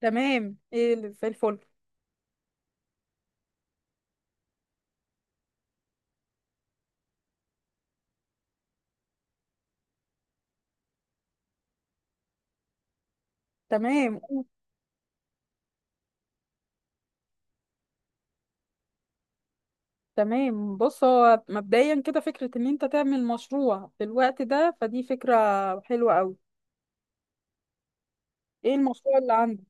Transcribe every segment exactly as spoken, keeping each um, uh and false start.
تمام، ايه اللي زي الفل؟ تمام، تمام. بص، هو مبدئيا كده فكرة ان انت تعمل مشروع في الوقت ده، فدي فكرة حلوة قوي. ايه المشروع اللي عندك؟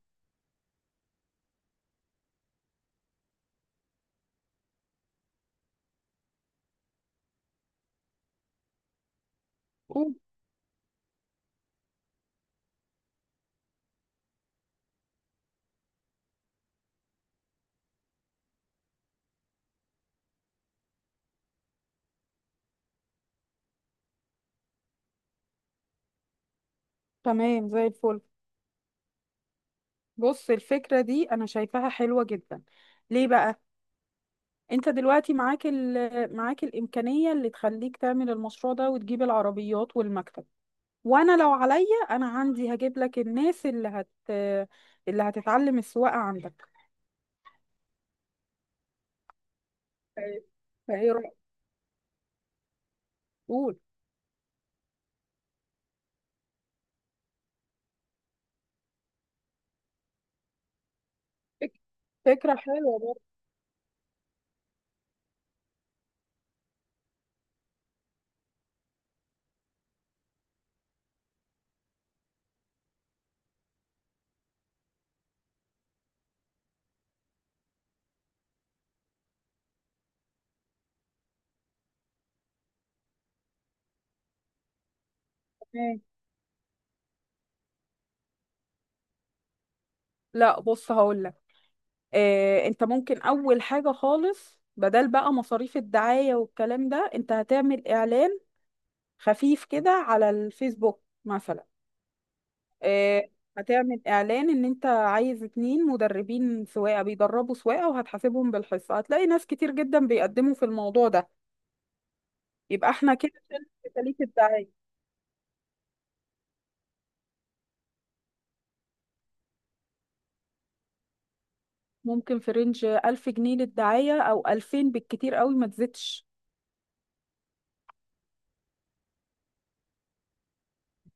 قول. تمام، زي الفل. بص، الفكرة دي انا شايفاها حلوة جدا. ليه بقى؟ انت دلوقتي معاك ال... معاك الامكانية اللي تخليك تعمل المشروع ده وتجيب العربيات والمكتب. وانا لو عليا انا عندي هجيب لك الناس اللي هت اللي هتتعلم السواقة عندك. طيب. فايه رأيك؟ قول. فك- فكرة حلوة برضه. ماشي. لا، بص هقولك. آه، انت ممكن اول حاجة خالص، بدل بقى مصاريف الدعاية والكلام ده، انت هتعمل اعلان خفيف كده على الفيسبوك مثلا. آه، هتعمل اعلان ان انت عايز اتنين مدربين سواقة بيدربوا سواقة وهتحاسبهم بالحصة، هتلاقي ناس كتير جدا بيقدموا في الموضوع ده. يبقى احنا كده شلنا تكاليف الدعاية. ممكن في رينج ألف جنيه للدعاية او ألفين بالكتير قوي، ما تزيدش.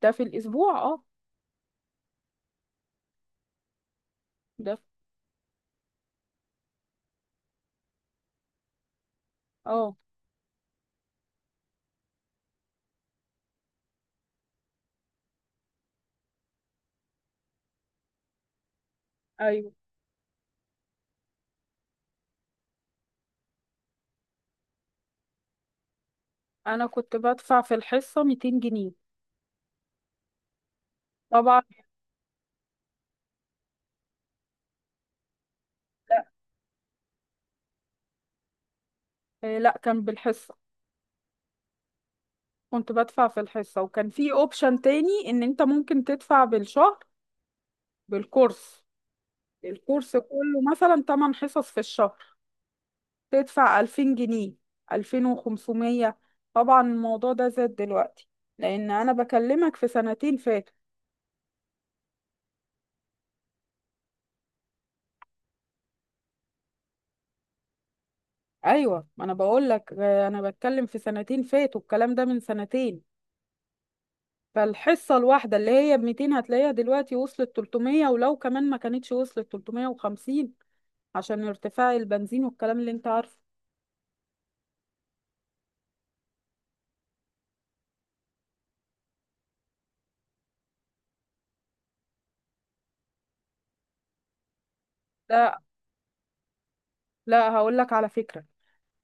ده في الاسبوع، اه. ده. اه. ايوه، انا كنت بدفع في الحصه ميتين جنيه. طبعا. لا. آه، لا، كان بالحصه. كنت بدفع في الحصه، وكان في اوبشن تاني ان انت ممكن تدفع بالشهر. بالكورس. الكورس كله مثلا تمن حصص في الشهر، تدفع ألفين جنيه، ألفين وخمسميه. طبعا الموضوع ده زاد دلوقتي، لان انا بكلمك في سنتين فاتوا. ايوه، ما انا بقول لك انا بتكلم في سنتين فاتوا، الكلام ده من سنتين. فالحصة الواحدة اللي هي ب مئتين هتلاقيها دلوقتي وصلت تلتميه، ولو كمان ما كانتش وصلت تلتميه وخمسين، عشان ارتفاع البنزين والكلام اللي انت عارفه. لا. لا، هقول لك على فكرة.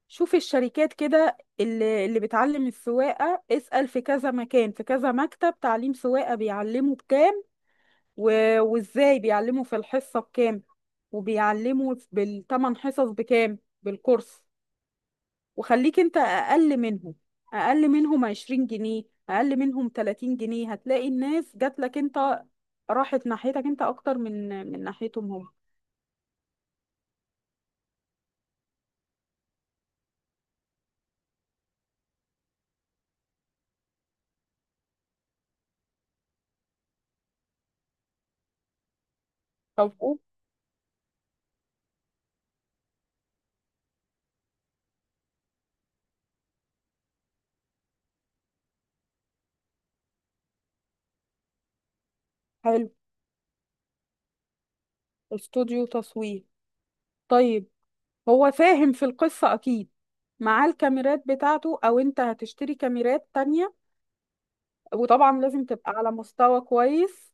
شوف الشركات كده اللي اللي بتعلم السواقة، اسأل في كذا مكان، في كذا مكتب تعليم سواقة بيعلموا بكام، و... وازاي بيعلموا في الحصة بكام، وبيعلموا بالثمان حصص بكام بالكورس. وخليك انت اقل منهم، اقل منهم عشرين جنيه، اقل منهم تلاتين جنيه، هتلاقي الناس جات لك انت، راحت ناحيتك انت اكتر من من ناحيتهم هم. طب أوه، حلو. استوديو تصوير. طيب. هو فاهم في القصة اكيد. معاه الكاميرات بتاعته او انت هتشتري كاميرات تانية؟ وطبعا لازم تبقى على مستوى كويس.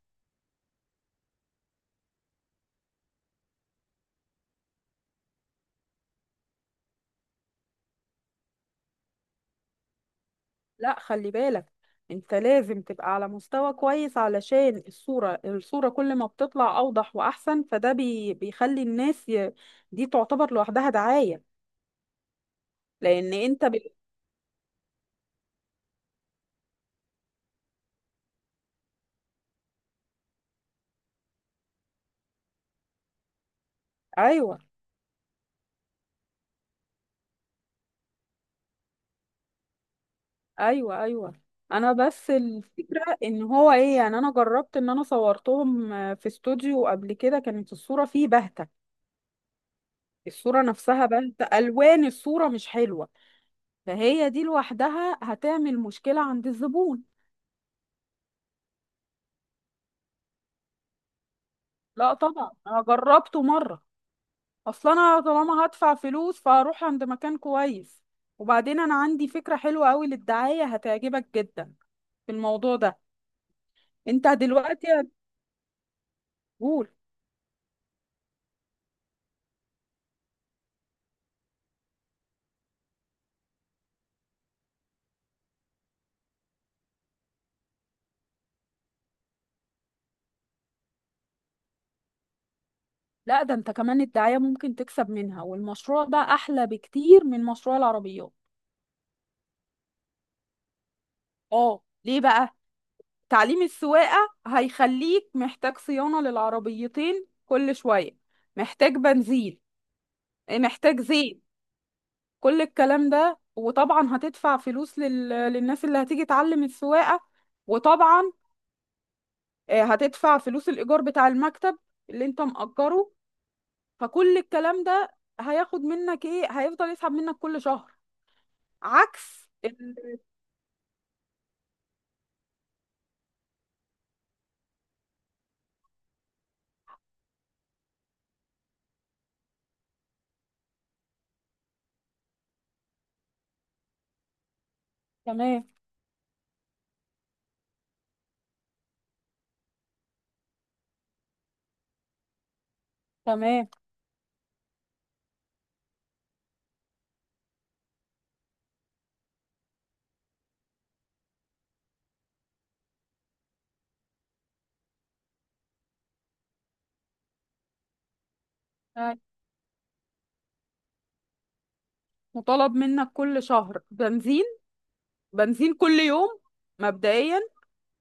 لا، خلي بالك، انت لازم تبقى على مستوى كويس علشان الصورة الصورة كل ما بتطلع اوضح واحسن فده بي بيخلي الناس ي... دي تعتبر لوحدها دعاية. لان انت ب... ايوه، ايوه، ايوه. انا بس الفكرة ان هو ايه يعني، انا جربت ان انا صورتهم آه، في استوديو قبل كده، كانت الصورة فيه باهتة. الصورة نفسها باهتة، الوان الصورة مش حلوة، فهي دي لوحدها هتعمل مشكلة عند الزبون. لا طبعا، انا جربته مرة. اصل انا طالما هدفع فلوس فهروح عند مكان كويس. وبعدين انا عندي فكرة حلوة قوي للدعاية هتعجبك جدا في الموضوع ده. انت دلوقتي. هتقول. لا ده انت كمان الدعاية ممكن تكسب منها، والمشروع ده احلى بكتير من مشروع العربيات. اه، ليه بقى؟ تعليم السواقة هيخليك محتاج صيانة للعربيتين كل شوية، محتاج بنزين، محتاج زيت، كل الكلام ده. وطبعا هتدفع فلوس لل... للناس اللي هتيجي تعلم السواقة. وطبعا آه، هتدفع فلوس الإيجار بتاع المكتب اللي انت مأجره. فكل الكلام ده هياخد منك ايه، هيفضل يسحب منك كل شهر. عكس ال... تمام، تمام. أيوة. مطالب منك كل شهر بنزين، بنزين كل يوم مبدئيا،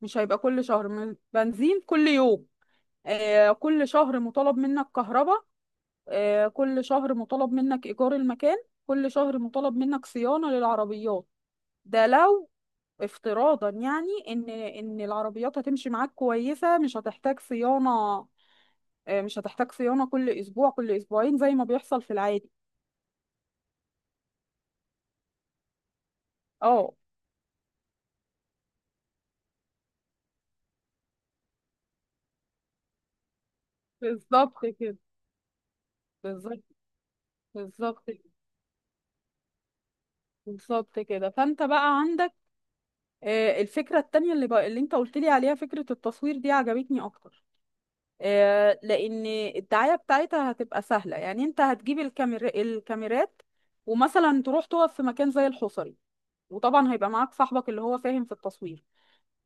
مش هيبقى كل شهر، م- بنزين كل يوم. آه كل شهر مطالب منك كهرباء، آه، كل شهر مطالب منك إيجار المكان، كل شهر مطالب منك صيانة للعربيات. ده لو افتراضا، يعني إن إن العربيات هتمشي معاك كويسة مش هتحتاج صيانة. آه، مش هتحتاج صيانة كل أسبوع، كل أسبوعين زي ما بيحصل في العادي. اه، بالظبط كده. بالظبط. بالظبط كده. بالظبط كده، فانت بقى عندك آه، الفكره التانية، اللي بقى اللي انت قلت لي عليها، فكره التصوير، دي عجبتني اكتر. آه، لان الدعايه بتاعتها هتبقى سهله، يعني انت هتجيب الكاميرا الكاميرات، ومثلا تروح تقف في مكان زي الحصري، وطبعا هيبقى معاك صاحبك اللي هو فاهم في التصوير،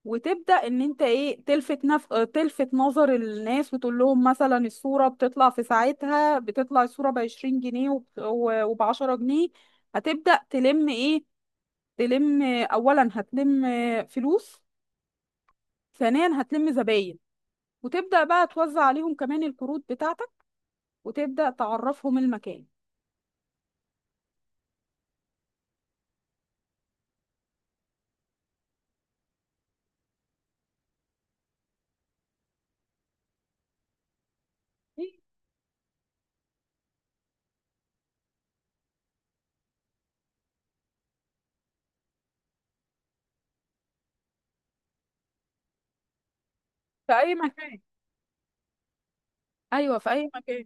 وتبدا ان انت ايه، تلفت نف... آه، تلفت نظر الناس، وتقول لهم مثلا الصوره بتطلع في ساعتها، بتطلع الصوره ب عشرين جنيه وب عشرة جنيه. هتبدا تلم ايه؟ تلم آه، اولا هتلم آه، فلوس، ثانيا هتلم زباين، وتبدا بقى توزع عليهم كمان الكروت بتاعتك، وتبدأ تعرفهم المكان. في اي مكان. ايوه، في اي مكان.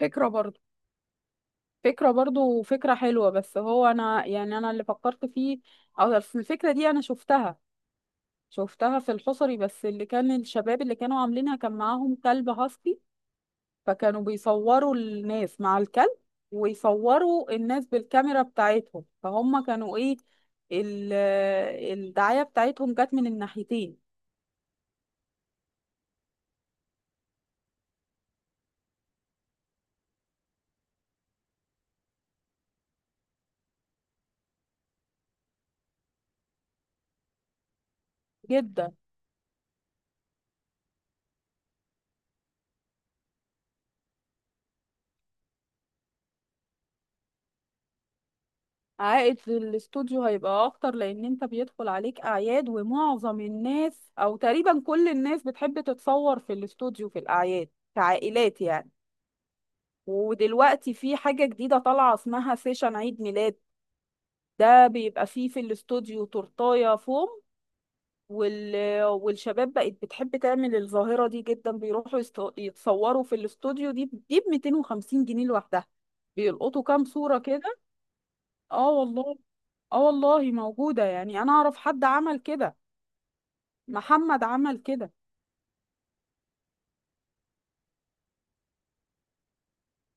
فكره برضو. فكره برضو، فكره حلوه، بس هو انا، يعني انا اللي فكرت فيه، او أصل الفكره دي انا شفتها، شفتها في الحصري، بس اللي كان الشباب اللي كانوا عاملينها كان معاهم كلب هاسكي، فكانوا بيصوروا الناس مع الكلب، ويصوروا الناس بالكاميرا بتاعتهم، فهم كانوا ايه، ال- الدعايه بتاعتهم جت من الناحيتين. جدا. عائد للاستوديو هيبقى اكتر، لان انت بيدخل عليك اعياد، ومعظم الناس او تقريبا كل الناس بتحب تتصور في الاستوديو في الاعياد، كعائلات يعني. ودلوقتي في حاجة جديدة طالعة اسمها سيشن عيد ميلاد، ده بيبقى فيه في الاستوديو تورتاية فوم، وال... والشباب بقت بتحب تعمل الظاهرة دي جدا، بيروحوا يست... يتصوروا في الاستوديو، دي دي ب ميتين وخمسين جنيه لوحدها، بيلقطوا كام صورة كده. اه والله. اه والله موجودة، يعني انا اعرف حد عمل كده، محمد عمل كده.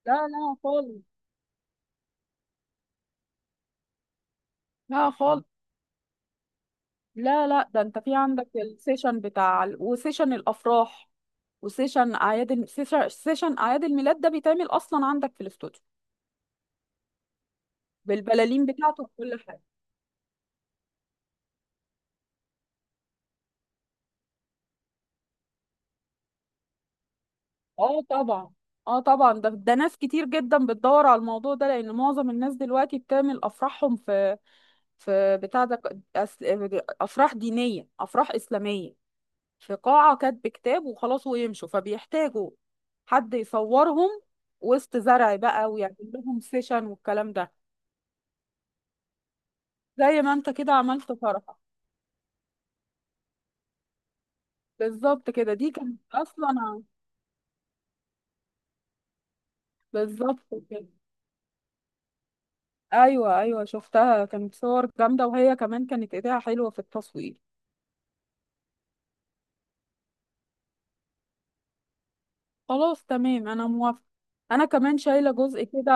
لا لا خالص. لا خالص. لا لا، ده انت في عندك السيشن بتاع ال- وسيشن الافراح، وسيشن اعياد الم- سيشن سيشن اعياد الميلاد، ده بيتعمل اصلا عندك في الاستوديو بالبلالين بتاعته بكل حاجة. اه طبعا. اه طبعا، ده ده ناس كتير جدا بتدور على الموضوع ده، لان معظم الناس دلوقتي بتعمل افراحهم في، في بتاع ده، ك- أس- افراح دينية، افراح اسلامية، في قاعة كاتب كتاب وخلاص ويمشوا، فبيحتاجوا حد يصورهم وسط زرع بقى، ويعمل لهم سيشن والكلام ده. زي ما انت كده عملت فرحة، بالظبط كده. دي كانت اصلا ع- بالظبط كده. ايوه، ايوه، شفتها، كانت صور جامدة، وهي كمان كانت ايديها حلوة في التصوير. خلاص تمام، انا موافقة. انا كمان شايلة جزء كده.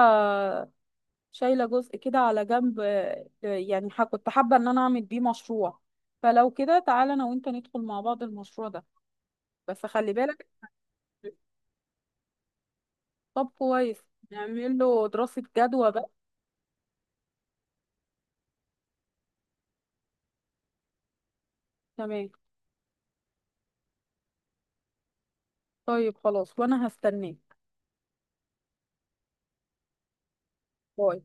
شايلة جزء كده على جنب، آه، آه، يعني ح- كنت حابة ان انا اعمل بيه مشروع، فلو كده تعالى انا وانت ندخل مع بعض المشروع ده، بس خلي بالك. طب كويس، نعمل له دراسة جدوى بقى. تمام. طيب خلاص، وانا هستناك. باي.